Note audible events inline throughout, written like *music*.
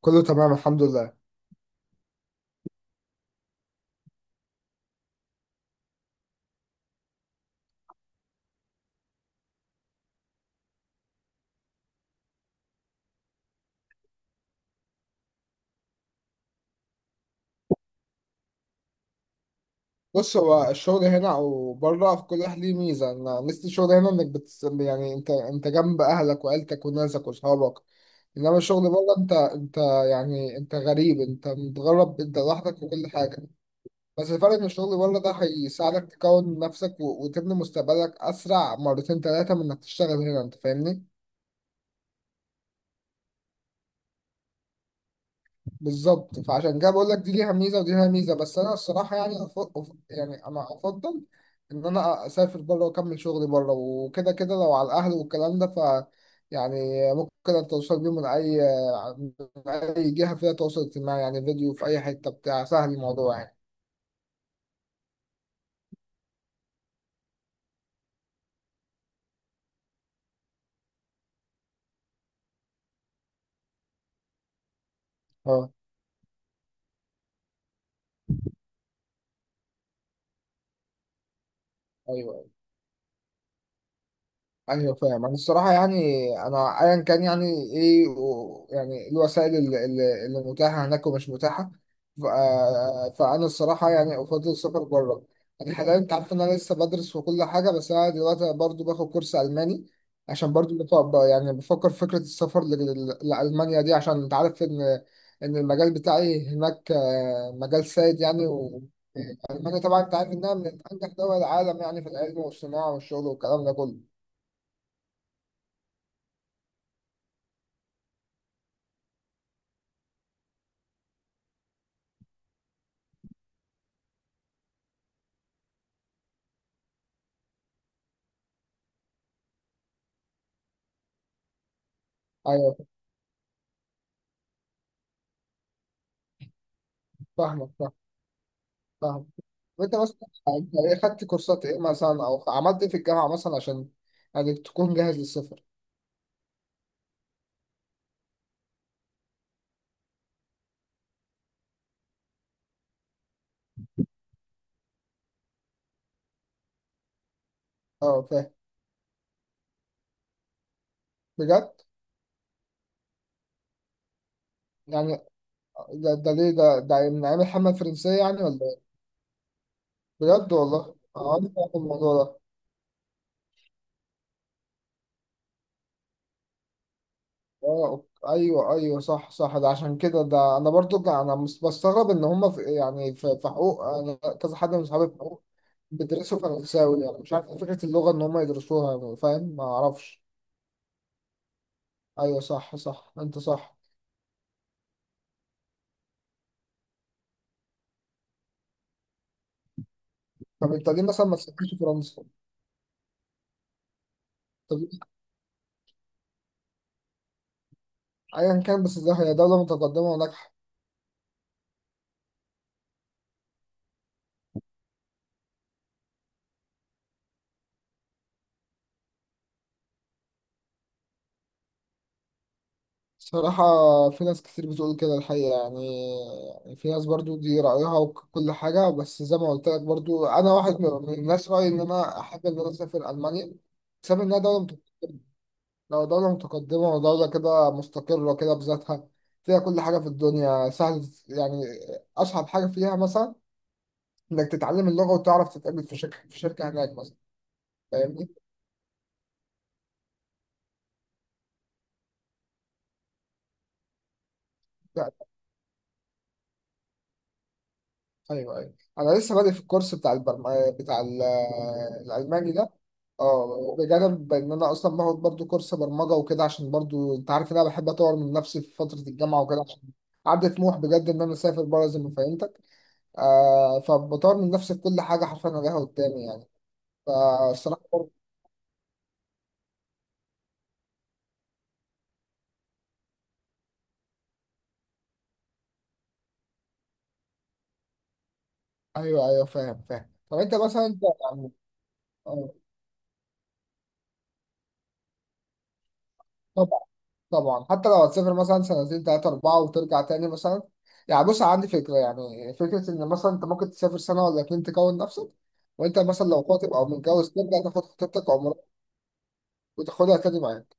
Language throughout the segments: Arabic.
كله تمام الحمد لله. بص، هو الشغل هنا او بره في كل واحد ليه ميزه. انا ميزه الشغل هنا انك بت... يعني انت جنب اهلك وعيلتك وناسك واصحابك، انما الشغل بره انت يعني انت غريب، انت متغرب، انت لوحدك وكل حاجه. بس الفرق ان الشغل بره ده هيساعدك تكون نفسك وتبني مستقبلك اسرع مرتين ثلاثه من انك تشتغل هنا. انت فاهمني؟ بالظبط. فعشان كده بقول لك دي ليها ميزه ودي ليها ميزه، بس انا الصراحه يعني أفضل، يعني انا افضل ان انا اسافر بره واكمل شغلي بره، وكده كده لو على الاهل والكلام ده، يعني ممكن اتواصل بيهم من اي، من اي جهه فيها تواصل اجتماعي، يعني فيديو في اي حته، بتاع سهل الموضوع يعني. اه. ايوه، ايوه. انا الصراحه يعني انا ايا كان يعني ايه يعني إيه الوسائل اللي متاحه هناك ومش متاحه. فانا الصراحه يعني افضل السفر بره. يعني حاليا انت عارف ان انا لسه بدرس وكل حاجه، بس انا دلوقتي برضو باخد كورس الماني، عشان برضو يعني بفكر في فكره السفر لالمانيا دي، عشان انت عارف ان ان المجال بتاعي هناك مجال سائد يعني. والمانيا طبعا انت عارف انها من انجح دول العالم يعني في العلم والصناعه والشغل والكلام ده كله. ايوه، فاهمك فاهم- فاهمك. وانت مثلا، انت ايه خدت كورسات ايه مثلا او عملت ايه في الجامعه مثلا عشان يعني تكون جاهز للسفر؟ اه فاهم. بجد؟ يعني ده ليه؟ ده من ايام الحمله الفرنسيه يعني ولا ايه؟ بجد؟ والله اه انا فاهم الموضوع ده. اه ايوه ايوه، صح صح. ده عشان كده ده انا برضو بستغرب ان هم في يعني في حقوق. انا كذا حد من صحابي في حقوق بيدرسوا فرنساوي، يعني مش عارف إيه فكره اللغه ان هم يدرسوها يعني، فاهم؟ ما اعرفش. ايوه صح صح، انت صح. طب انت ليه مثلا ما تسافرش فرنسا؟ طب ايا كان، بس ده هي دولة متقدمة وناجحة. الصراحة في ناس كتير بتقول كده الحقيقة يعني. يعني في ناس برضو دي رأيها وكل حاجة، بس زي ما قلت لك برضو أنا واحد من الناس رأيي إن أنا أحب إن أنا أسافر ألمانيا، بسبب إنها دولة مت... لو دولة متقدمة ودولة كده مستقرة كده بذاتها، فيها كل حاجة في الدنيا سهل يعني. أصعب حاجة فيها مثلا إنك تتعلم اللغة، وتعرف تتقابل في شركة في شركة هناك مثلا. فاهمني؟ ايوه ايوه، انا لسه بادئ في الكورس بتاع البرم... آه، بتاع ال- آه، الالماني ده. اه بجانب ان انا اصلا باخد برضو كورس برمجه وكده، عشان برضو انت عارف ان انا بحب اطور من نفسي في فتره الجامعه وكده، عشان عندي طموح بجد ان انا اسافر بره زي ما فهمتك. آه فبطور من نفسي في كل حاجه حرفيا، انا لها قدامي يعني. فالصراحه برضو- ايوه ايوه، فاهم فاهم. طب انت مثلا، انت يعني آه، طب طبعا حتى لو هتسافر مثلا سنتين تلاتة أربعة وترجع تاني مثلا. يعني بص، عندي فكرة، يعني فكرة إن مثلا أنت ممكن تسافر سنة ولا اتنين تكون نفسك، وأنت مثلا لو خاطب أو متجوز ترجع تاخد خطيبتك عمرك، وتاخدها تاني معاك.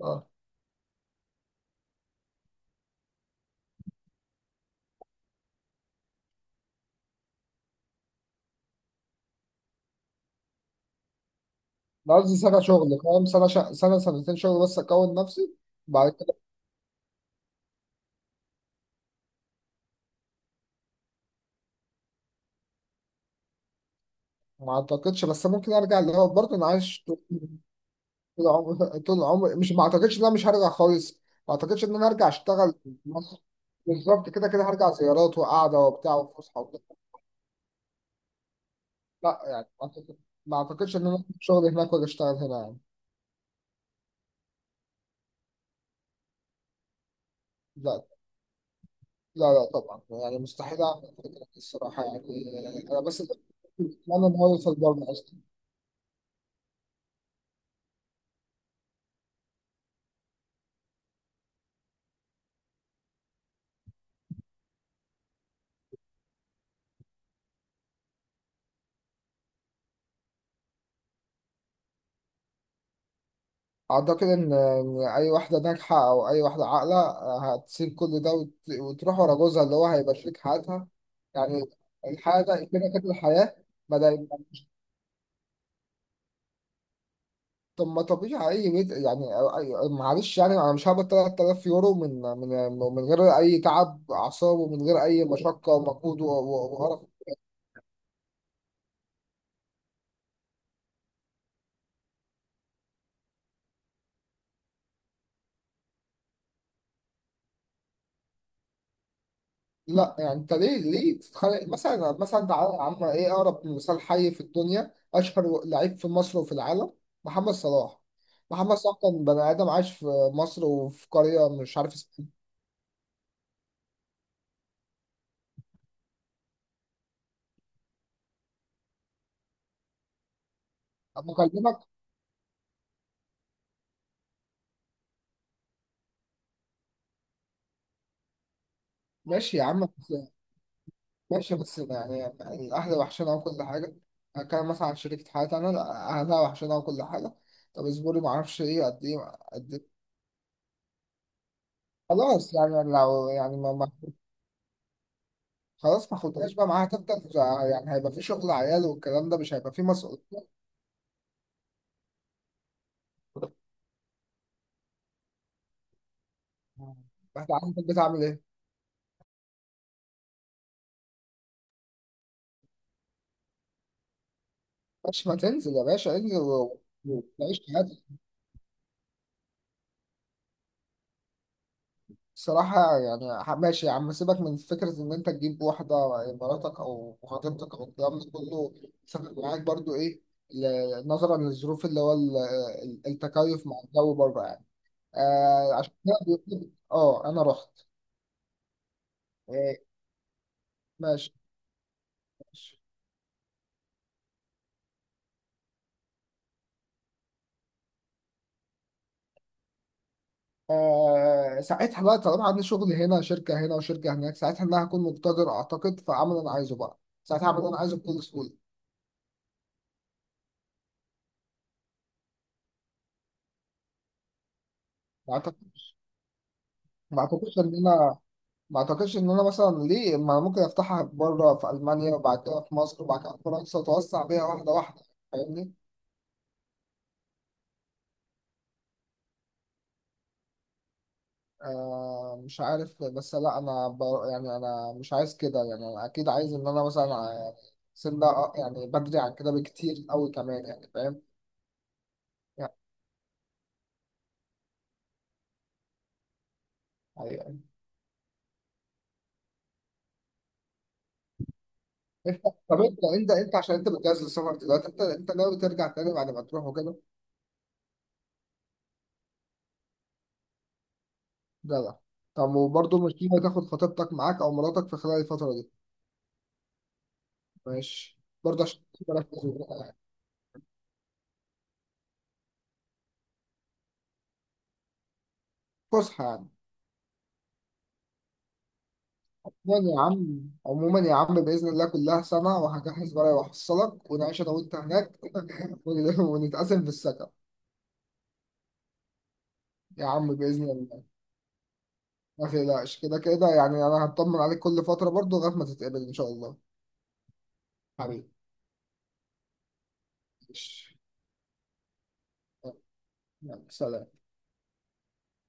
اه أنا قصدي سنة شغل، فاهم؟ سنة سنتين شغل بس أكون نفسي. بعد كده ما أعتقدش، بس ممكن أرجع. اللي هو برضه أنا عايش طول، طول عمري، طول عمري. مش ما أعتقدش إن أنا مش هرجع خالص، ما أعتقدش إن أنا هرجع أشتغل في مصر. بالظبط، كده كده هرجع زيارات وقعدة وبتاع وفسحة. لا يعني ما أعتقد- ما اعتقدش ان انا أخد شغل هناك ولا اشتغل هنا يعني. لا لا طبعا، يعني مستحيل اعمل كده الصراحه يعني، انا بس اتمنى ان هو يوصل بره اصلا. اعتقد ان اي واحده ناجحه او اي واحده عاقله آه، هتسيب كل ده وتروح ورا جوزها اللي هو هيبقى شريك حياتها يعني. الحياه ده كده كده الحياه. طب ما طبيعي اي بيت يعني، أي- معلش يعني انا مش هقبض 3000 يورو من غير اي تعب اعصاب، ومن غير اي مشقه ومجهود وقرف. لا يعني انت ليه تتخانق؟ مثلا مثلا تعالى يا عم، ايه اقرب مثال حي في الدنيا؟ اشهر لعيب في مصر وفي العالم محمد صلاح. محمد صلاح كان بني ادم عايش في مصر وفي قريه مش عارف اسمها إيه. طب بكلمك. ماشي يا عم. ماشي بس يعني الأهل وحشنا وكل حاجة. هتكلم مثلا عن شركة حياتي أنا، لا، أهلها وحشنا وكل حاجة. طب اصبري. معرفش إيه قد إيه، قد إيه. خلاص يعني لو يعني ما. خلاص ما خدهاش بقى، معاها تفضل. يعني هيبقى في شغل عيال، والكلام ده مش هيبقى في مسؤولية. هتعرف البيت عامل إيه. ماشي، ما تنزل يا باشا، وتعيش حياتك. صراحة يعني ماشي يا عم، سيبك من فكرة إن أنت تجيب واحدة، مراتك أو خطيبتك أو الكلام ده كله، سبب معاك برضو إيه، نظرا للظروف اللي هو التكيف مع الجو بره يعني. آه عشان كده أه أنا رحت. آه. ماشي ماشي. آه ساعتها بقى، طالما عندي شغل هنا، شركة هنا وشركة هناك، ساعتها إن أنا هكون مقتدر أعتقد، فأعمل اللي أنا عايزه بقى. ساعتها هعمل اللي أنا عايزه بكل سهولة. ما أعتقد- ما أعتقدش إن أنا، ما اعتقدش ان انا مثلا ليه، ما أنا ممكن افتحها بره في المانيا، وبعد كده في مصر، وبعد كده في فرنسا، واتوسع بيها واحده واحده، فاهمني؟ آه مش عارف. بس لا انا ب... يعني انا مش عايز كده، يعني انا اكيد عايز ان انا مثلا سن ده، يعني بدري عن كده بكتير قوي كمان، يعني فاهم؟ يعني. يعني انت *laughs* طب انت انت عشان انت بتجهز للسفر دلوقتي، انت انت ناوي ترجع تاني بعد ما تروح وكده؟ جدع. طب وبرضه مش ناوي تاخد خطيبتك معاك او مراتك في خلال الفتره دي؟ ماشي برضه عشان فسحة يعني. يعني يا عم، عموما يا عم بإذن الله كلها سنة وهجهز ورقة وأحصلك، ونعيش أنا وأنت هناك *laughs* ونتقاسم في السكن. يا عم بإذن الله. ما تقلقش، كده كده يعني أنا هطمن عليك كل فترة برضو لغاية ما تتقبل إن شاء الله. حبيبي. ماشي. يلا سلام.